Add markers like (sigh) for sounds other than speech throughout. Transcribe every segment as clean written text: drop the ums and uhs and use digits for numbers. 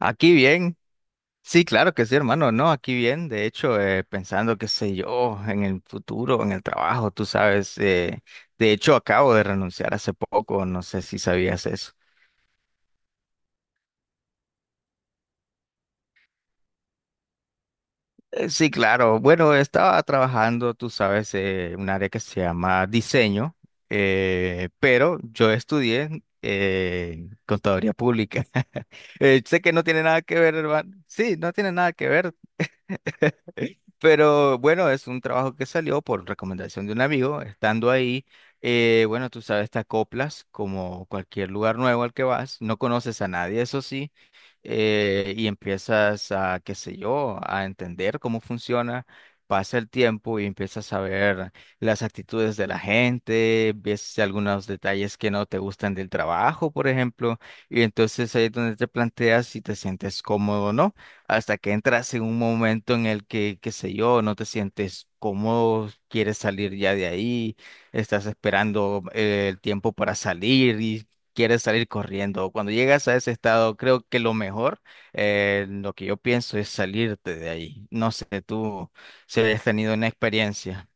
Aquí bien, sí, claro que sí, hermano, no, aquí bien, de hecho, pensando, qué sé yo, en el futuro, en el trabajo, tú sabes, de hecho, acabo de renunciar hace poco, no sé si sabías eso. Sí, claro, bueno, estaba trabajando, tú sabes, un área que se llama diseño, pero yo estudié contaduría pública. (laughs) Sé que no tiene nada que ver, hermano, sí, no tiene nada que ver. Pero bueno, es un trabajo que salió por recomendación de un amigo. Estando ahí, bueno, tú sabes, te acoplas como cualquier lugar nuevo al que vas. No conoces a nadie, eso sí. Y empiezas a, qué sé yo, a entender cómo funciona. Pasa el tiempo y empiezas a ver las actitudes de la gente, ves algunos detalles que no te gustan del trabajo, por ejemplo, y entonces ahí es donde te planteas si te sientes cómodo o no, hasta que entras en un momento en el que, qué sé yo, no te sientes cómodo, quieres salir ya de ahí, estás esperando el tiempo para salir y quieres salir corriendo. Cuando llegas a ese estado, creo que lo mejor, lo que yo pienso es salirte de ahí. No sé, tú si has tenido una experiencia.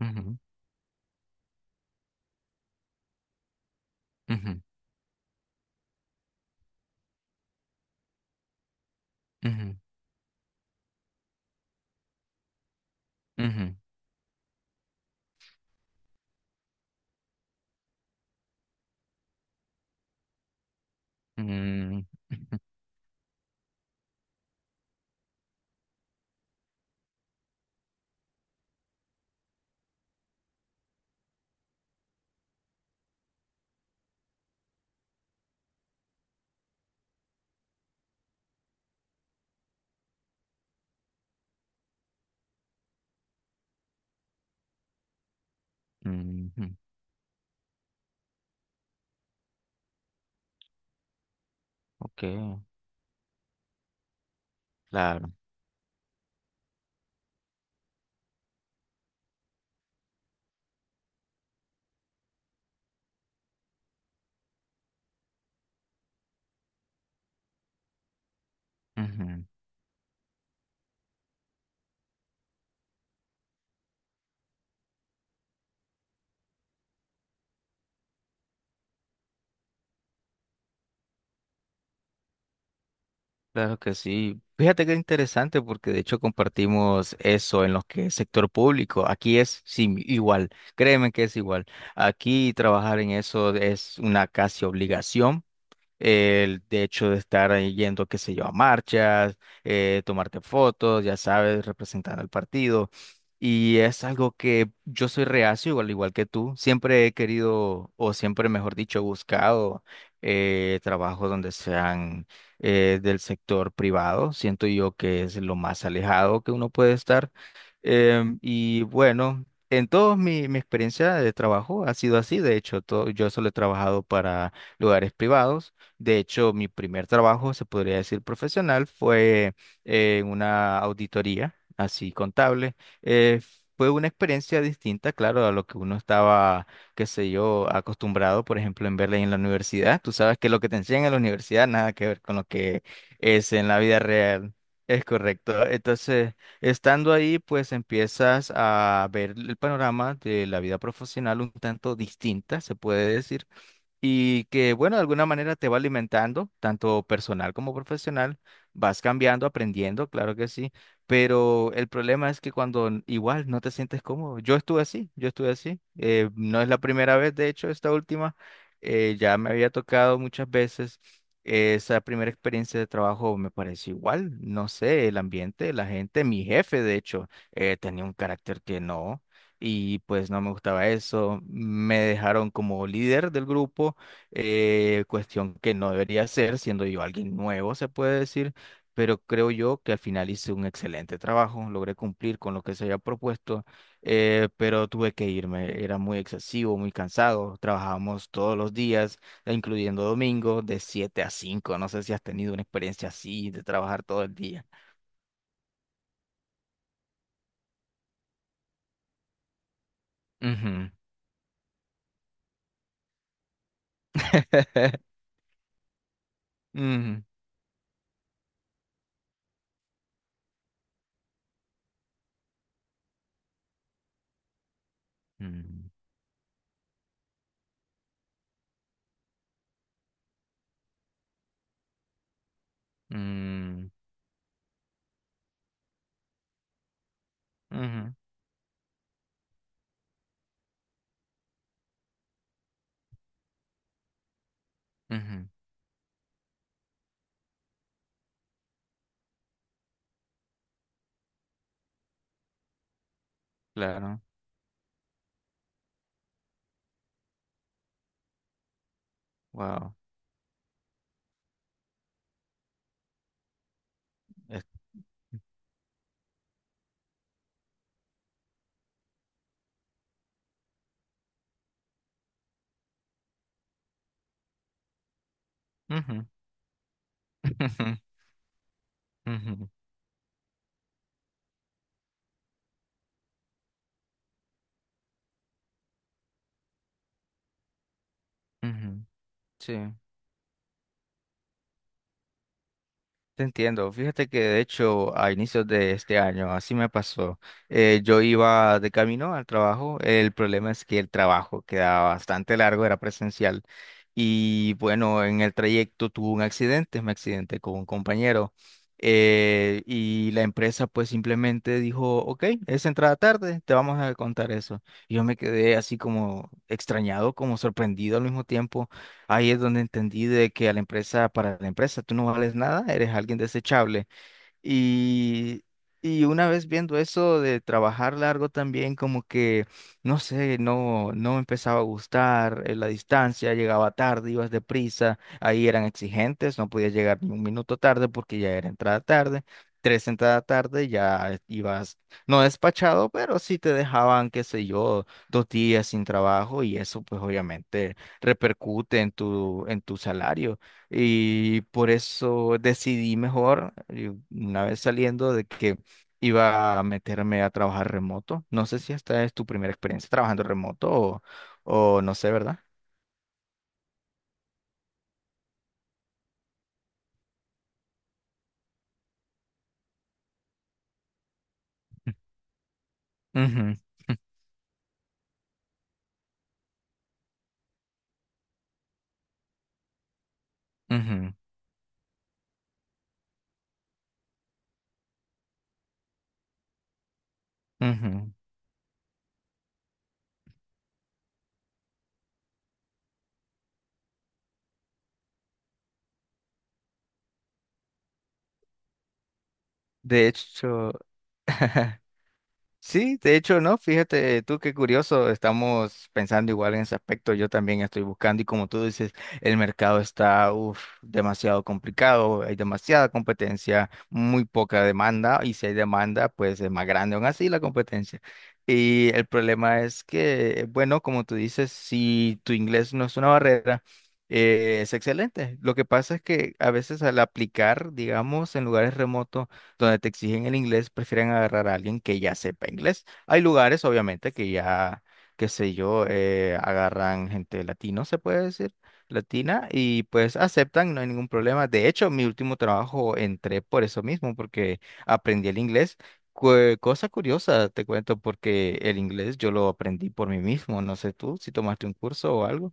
Ujú, ujú, ujú, ujú, mm, ujú, ujú, ok, claro. Claro que sí. Fíjate que interesante, porque de hecho compartimos eso en lo que es sector público. Aquí es sí, igual, créeme que es igual. Aquí trabajar en eso es una casi obligación. El de hecho de estar ahí yendo, qué sé yo, a marchas, tomarte fotos, ya sabes, representando al partido. Y es algo que yo soy reacio, al igual que tú. Siempre he querido, o siempre, mejor dicho, he buscado trabajos donde sean del sector privado. Siento yo que es lo más alejado que uno puede estar. Y bueno, en toda mi experiencia de trabajo ha sido así. De hecho, todo, yo solo he trabajado para lugares privados. De hecho, mi primer trabajo, se podría decir profesional, fue en una auditoría, así contable. Eh, Fue una experiencia distinta, claro, a lo que uno estaba, qué sé yo, acostumbrado, por ejemplo, en Berlín en la universidad. Tú sabes que lo que te enseñan en la universidad nada que ver con lo que es en la vida real. Es correcto. Entonces, estando ahí, pues empiezas a ver el panorama de la vida profesional un tanto distinta, se puede decir, y que, bueno, de alguna manera te va alimentando, tanto personal como profesional, vas cambiando, aprendiendo, claro que sí, pero el problema es que cuando igual no te sientes cómodo, yo estuve así, no es la primera vez, de hecho, esta última, ya me había tocado muchas veces. Esa primera experiencia de trabajo me pareció igual, no sé, el ambiente, la gente, mi jefe, de hecho, tenía un carácter que no, y pues no me gustaba eso. Me dejaron como líder del grupo, cuestión que no debería ser, siendo yo alguien nuevo, se puede decir, pero creo yo que al final hice un excelente trabajo, logré cumplir con lo que se había propuesto, pero tuve que irme, era muy excesivo, muy cansado, trabajábamos todos los días, e incluyendo domingo, de 7 a cinco. No sé si has tenido una experiencia así de trabajar todo el día. Ujú. (laughs) Ujú. Ujú. Ujú. Ujú. Ujú, claro, wow. Es- Ujú, (laughs) ujú, ujú, ujú, sí. Te entiendo. Fíjate que de hecho a inicios de este año así me pasó. Yo iba de camino al trabajo. El problema es que el trabajo quedaba bastante largo, era presencial. Y bueno, en el trayecto tuve un accidente, me accidenté con un compañero. Y la empresa pues simplemente dijo, ok, es entrada tarde, te vamos a contar eso. Y yo me quedé así como extrañado, como sorprendido al mismo tiempo. Ahí es donde entendí de que a la empresa, para la empresa, tú no vales nada, eres alguien desechable. Y, y una vez viendo eso de trabajar largo también, como que, no sé, no, no me empezaba a gustar la distancia, llegaba tarde, ibas deprisa, ahí eran exigentes, no podías llegar ni un minuto tarde porque ya era entrada tarde, tres entrada tarde ya ibas, no despachado, pero sí te dejaban, qué sé yo, dos días sin trabajo y eso pues obviamente repercute en tu salario. Y por eso decidí mejor, y una vez saliendo, de que iba a meterme a trabajar remoto. No sé si esta es tu primera experiencia trabajando remoto o no sé, ¿verdad? Ujú, ujú, ujú. De hecho, (laughs) sí, de hecho, no, fíjate tú qué curioso, estamos pensando igual en ese aspecto, yo también estoy buscando y como tú dices, el mercado está uf, demasiado complicado, hay demasiada competencia, muy poca demanda y si hay demanda, pues es más grande aún así la competencia. Y el problema es que, bueno, como tú dices, si tu inglés no es una barrera, es excelente. Lo que pasa es que a veces al aplicar, digamos, en lugares remotos, donde te exigen el inglés, prefieren agarrar a alguien que ya sepa inglés. Hay lugares, obviamente, que ya, qué sé yo, agarran gente latino, se puede decir, latina, y pues aceptan, no hay ningún problema. De hecho, mi último trabajo entré por eso mismo, porque aprendí el inglés. Cosa curiosa, te cuento, porque el inglés yo lo aprendí por mí mismo. No sé tú si tomaste un curso o algo.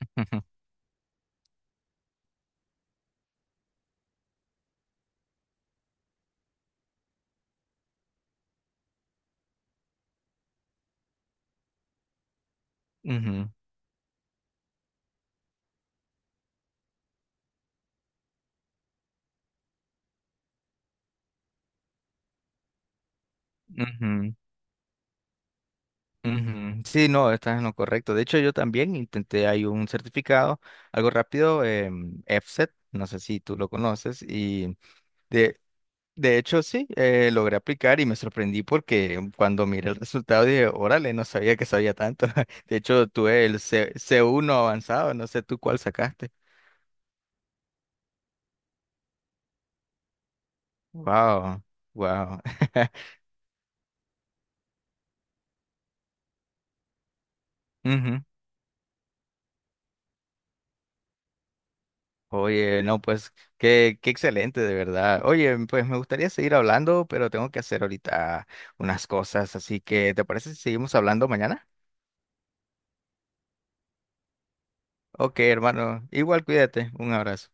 (laughs) Ujú, ujú, ujú. Sí, no, estás en lo correcto. De hecho, yo también intenté, hay un certificado, algo rápido, EFSET, no sé si tú lo conoces, y de, de hecho sí, logré aplicar y me sorprendí porque cuando miré el resultado dije, órale, no sabía que sabía tanto. (laughs) De hecho, tuve el C, c uno avanzado, no sé tú cuál sacaste. Wow, wow. (laughs) Oye, no, pues qué, qué excelente, de verdad. Oye, pues me gustaría seguir hablando, pero tengo que hacer ahorita unas cosas, así que ¿te parece si seguimos hablando mañana? Ok, hermano, igual cuídate, un abrazo.